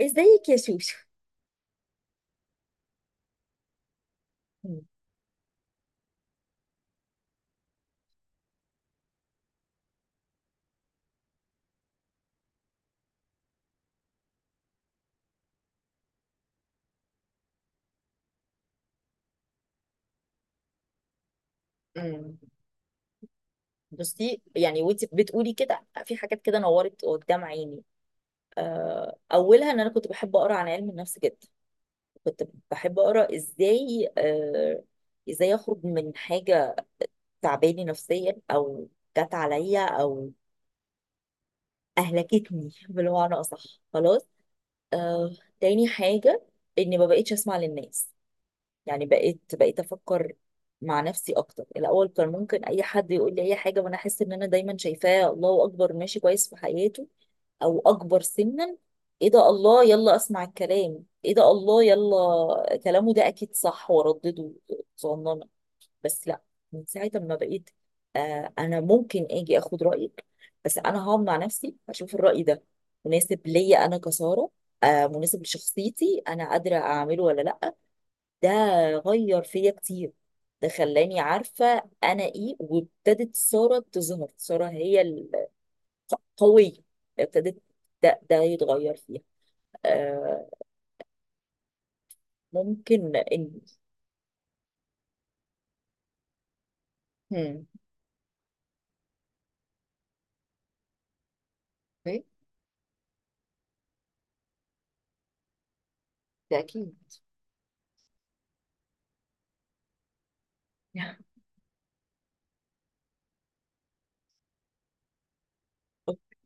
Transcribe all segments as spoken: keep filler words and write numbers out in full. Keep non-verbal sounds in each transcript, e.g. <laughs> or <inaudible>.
ازيك يا شوشو. مم. مم. بصي، يعني وانت بتقولي كده في حاجات كده نورت قدام عيني. آه، اولها ان انا كنت بحب اقرا عن علم النفس جدا. كنت بحب اقرا ازاي، آه، ازاي اخرج من حاجه تعباني نفسيا، او جت عليا، او اهلكتني <laughs> بالمعنى اصح. خلاص. آه، تاني حاجه اني ما بقتش اسمع للناس. يعني بقيت بقيت افكر مع نفسي اكتر. الاول كان ممكن اي حد يقول لي اي حاجه وانا احس ان انا دايما شايفاه الله اكبر، ماشي كويس في حياته او اكبر سنا. ايه ده، الله، يلا اسمع الكلام، ايه ده، الله، يلا كلامه ده اكيد صح وردده صنانه. بس لا، من ساعه ما بقيت، آه انا ممكن اجي اخد رايك، بس انا هقعد مع نفسي اشوف الراي ده مناسب ليا انا كساره. آه، مناسب لشخصيتي، انا قادره اعمله ولا لا؟ ده غير فيا كتير. ده خلاني عارفة أنا إيه، وابتدت سارة تظهر. سارة هي القوية، ابتدت ده, ده يتغير فيها. آه، ممكن إن. هم. أوكي، ده اكيد. <laughs> أوكي،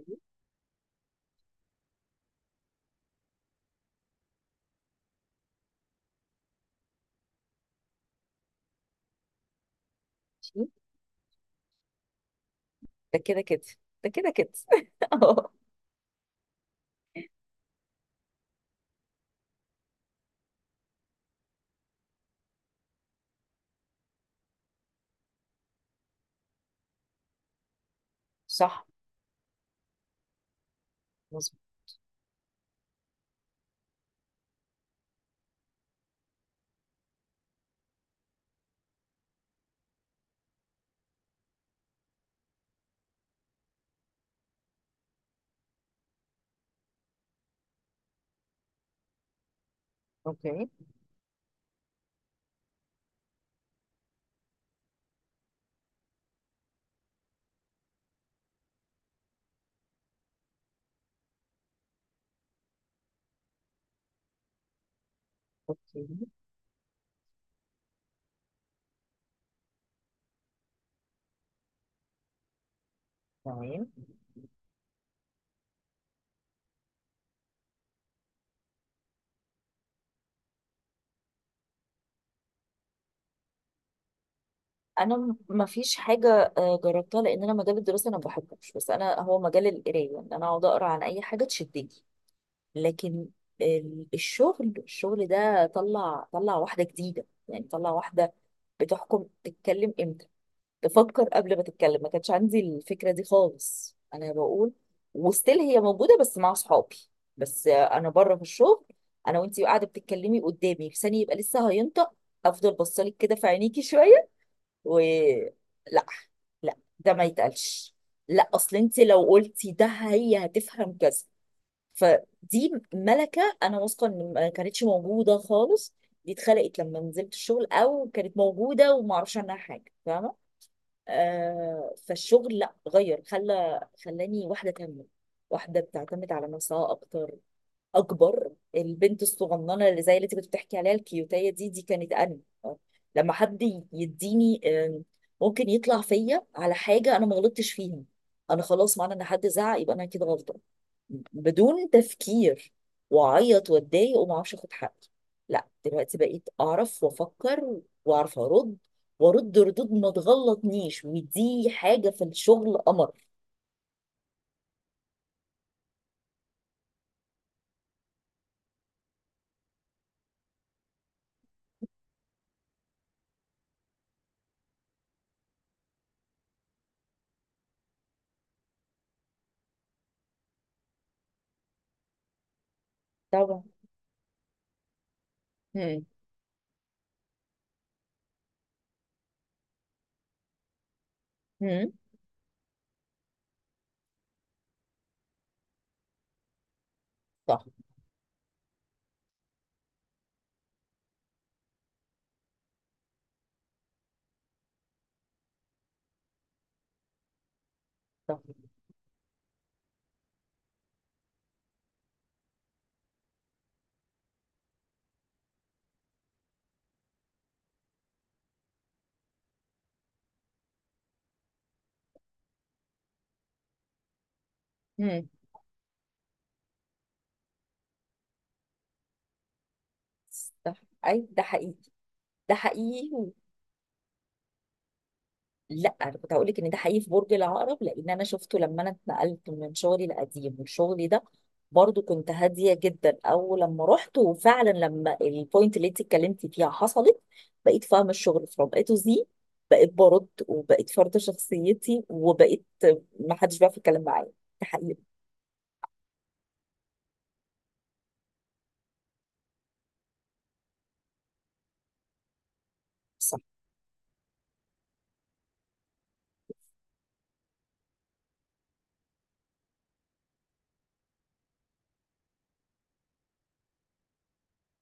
ده كده كده ده كده كده <laughs> آه. صح، مظبوط. اوكي. اوكي، تمام. انا م- ما فيش حاجه، آه، جربتها، لان انا مجال الدراسه انا ما بحبوش، بس انا هو مجال القرايه ان انا اقعد اقرا عن اي حاجه تشدني. لكن ال- الشغل الشغل ده طلع طلع واحدة جديدة، يعني طلع واحدة بتحكم تتكلم امتى، تفكر قبل ما تتكلم. ما كانش عندي الفكرة دي خالص انا بقول، وستيل هي موجودة بس مع صحابي، بس انا بره في الشغل انا وانتي قاعدة بتتكلمي قدامي لساني يبقى لسه هينطق، افضل بصلك كده في عينيكي شوية، و لا، لا ده ما يتقالش، لا اصل انت لو قلتي ده هي هتفهم كذا. فدي ملكة أنا واثقة إن ما كانتش موجودة خالص. دي اتخلقت لما نزلت الشغل أو كانت موجودة ومعرفش عنها حاجة، فاهمة؟ آه، فالشغل لا غير خلى خلاني واحدة تانية، واحدة بتعتمد على نفسها أكتر أكبر. البنت الصغننة اللي زي اللي أنت كنت بتحكي عليها الكيوتية دي دي كانت أنا. آه، لما حد ي- يديني، آم، ممكن يطلع فيا على حاجة أنا ما غلطتش فيها، أنا خلاص معنى إن حد زعق يبقى أنا كده غلطانة، بدون تفكير، واعيط واتضايق وما اعرفش اخد حقي. لا، دلوقتي بقيت اعرف وافكر واعرف ارد، وارد ردود ما تغلطنيش، ودي حاجه في الشغل قمر. طبعا. هم. هم. صح. صح. هم. صح. اي ده حقيقي. ده حقيقي. لا، انا كنت هقول لك ان ده حقيقي في برج العقرب، لان انا شفته لما انا اتنقلت من شغلي القديم والشغل ده، برضو كنت هاديه جدا اول لما رحت. وفعلا لما البوينت اللي انت اتكلمتي فيها حصلت، بقيت فاهمه الشغل فروم اي تو زي، بقيت برد وبقيت فرض شخصيتي وبقيت ما حدش بيعرف يتكلم معايا. ده حقيقي. صح.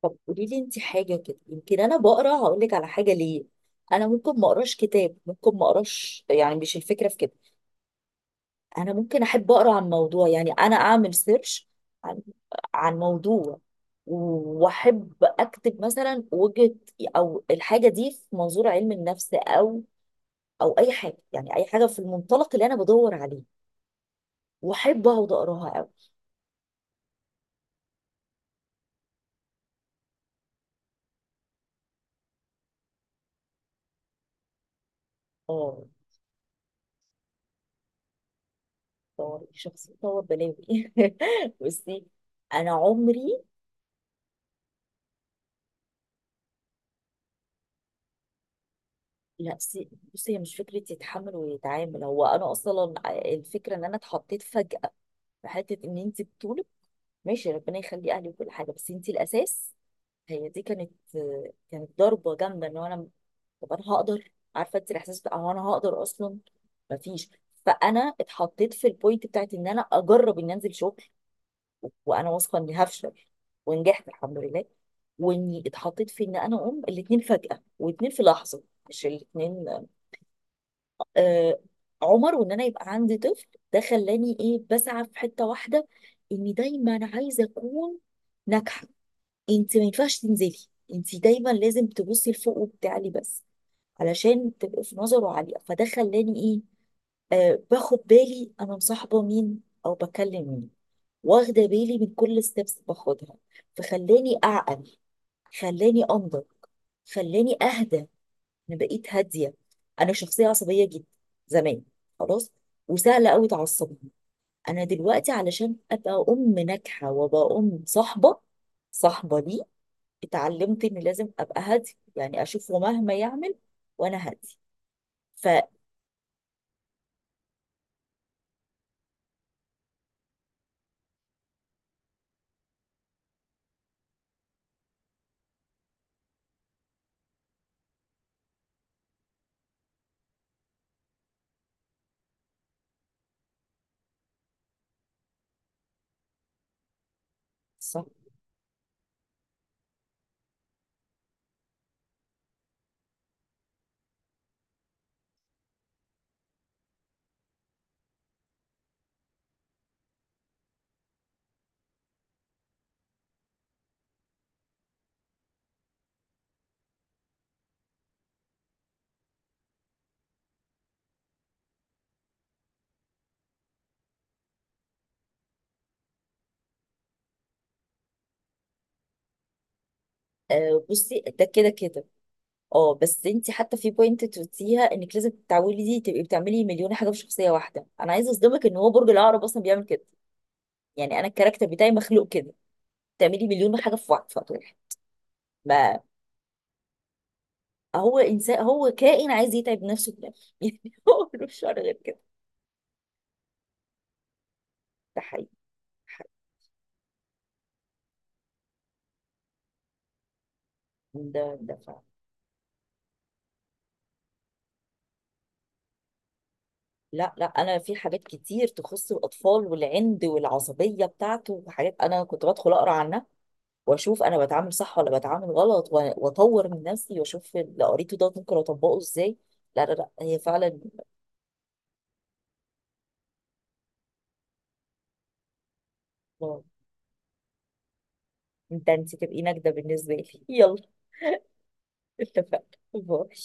طب قولي لي انت حاجه كده، يمكن انا بقرا هقول لك على حاجه. ليه؟ انا ممكن ما اقراش كتاب، ممكن ما اقراش، يعني مش الفكره في كده. انا ممكن احب اقرا عن موضوع، يعني انا اعمل سيرش عن عن موضوع، واحب اكتب مثلا وجهة، او الحاجه دي في منظور علم النفس، او او اي حاجه، يعني اي حاجه في المنطلق اللي انا بدور عليه، واحب اقعد اقراها قوي. اه، طور شخصية، طور بلاوي. <laughs> بصي انا عمري. لا سي- بصي، هي مش فكره يتحمل ويتعامل، هو انا اصلا الفكره ان انا اتحطيت فجاه في حته ان انت بتقولي ماشي، ربنا يخلي اهلي وكل حاجه بس انت الاساس. هي دي كانت كانت ضربه جامده ان هو انا. طب انا هقدر؟ عارفه انت الاحساس بتاع هو انا هقدر اصلا؟ مفيش. فانا اتحطيت في البوينت بتاعت ان انا اجرب اني انزل شغل وانا واثقه اني هفشل، ونجحت الحمد لله، واني اتحطيت في ان انا اقوم الاتنين فجاه، واتنين في لحظه، مش الاتنين، آه، عمر، وان انا يبقى عندي طفل. ده خلاني ايه، بسعى في حته واحده اني دايما عايزه اكون ناجحه. انت ما ينفعش تنزلي، انت دايما لازم تبصي لفوق وبتعلي بس. علشان تبقي في نظره عالية، فده خلاني ايه، آه باخد بالي انا مصاحبة مين او بكلم مين، واخدة بالي من كل ستيبس باخدها. فخلاني اعقل، خلاني انضج، خلاني اهدى. انا بقيت هادية. انا شخصية عصبية جدا زمان، خلاص، وسهلة قوي تعصبني. انا دلوقتي علشان ابقى ام ناجحة وابقى ام صاحبة، صاحبة ليه، اتعلمت اني لازم ابقى هادي. يعني اشوفه مهما يعمل وانا هادي. ف، صح. آه، بصي، ده كده كده. اه بس انت حتى في بوينت تقوليها انك لازم تتعودي تبقي بتعملي مليون حاجه في شخصيه واحده، انا عايزه اصدمك ان هو برج العقرب اصلا بيعمل كده. يعني انا الكاركتر بتاعي مخلوق كده، تعملي مليون حاجه في وقت في وقت واحد، ما هو انسان، هو كائن عايز يتعب نفسه في الاخر <laughs> يعني، هو ملوش شر غير كده. ده حقيقي. ده حقيقي. ده ده فعلا. لا لا، انا في حاجات كتير تخص الاطفال والعند والعصبيه بتاعته، وحاجات انا كنت بدخل اقرا عنها واشوف انا بتعامل صح ولا بتعامل غلط، و- واطور من نفسي واشوف اللي قريته ده ممكن اطبقه ازاي. لا لا لا، هي فعلا. واو. انت انت تبقي نجده بالنسبه لي. <laughs> يلا اتفقنا. باي.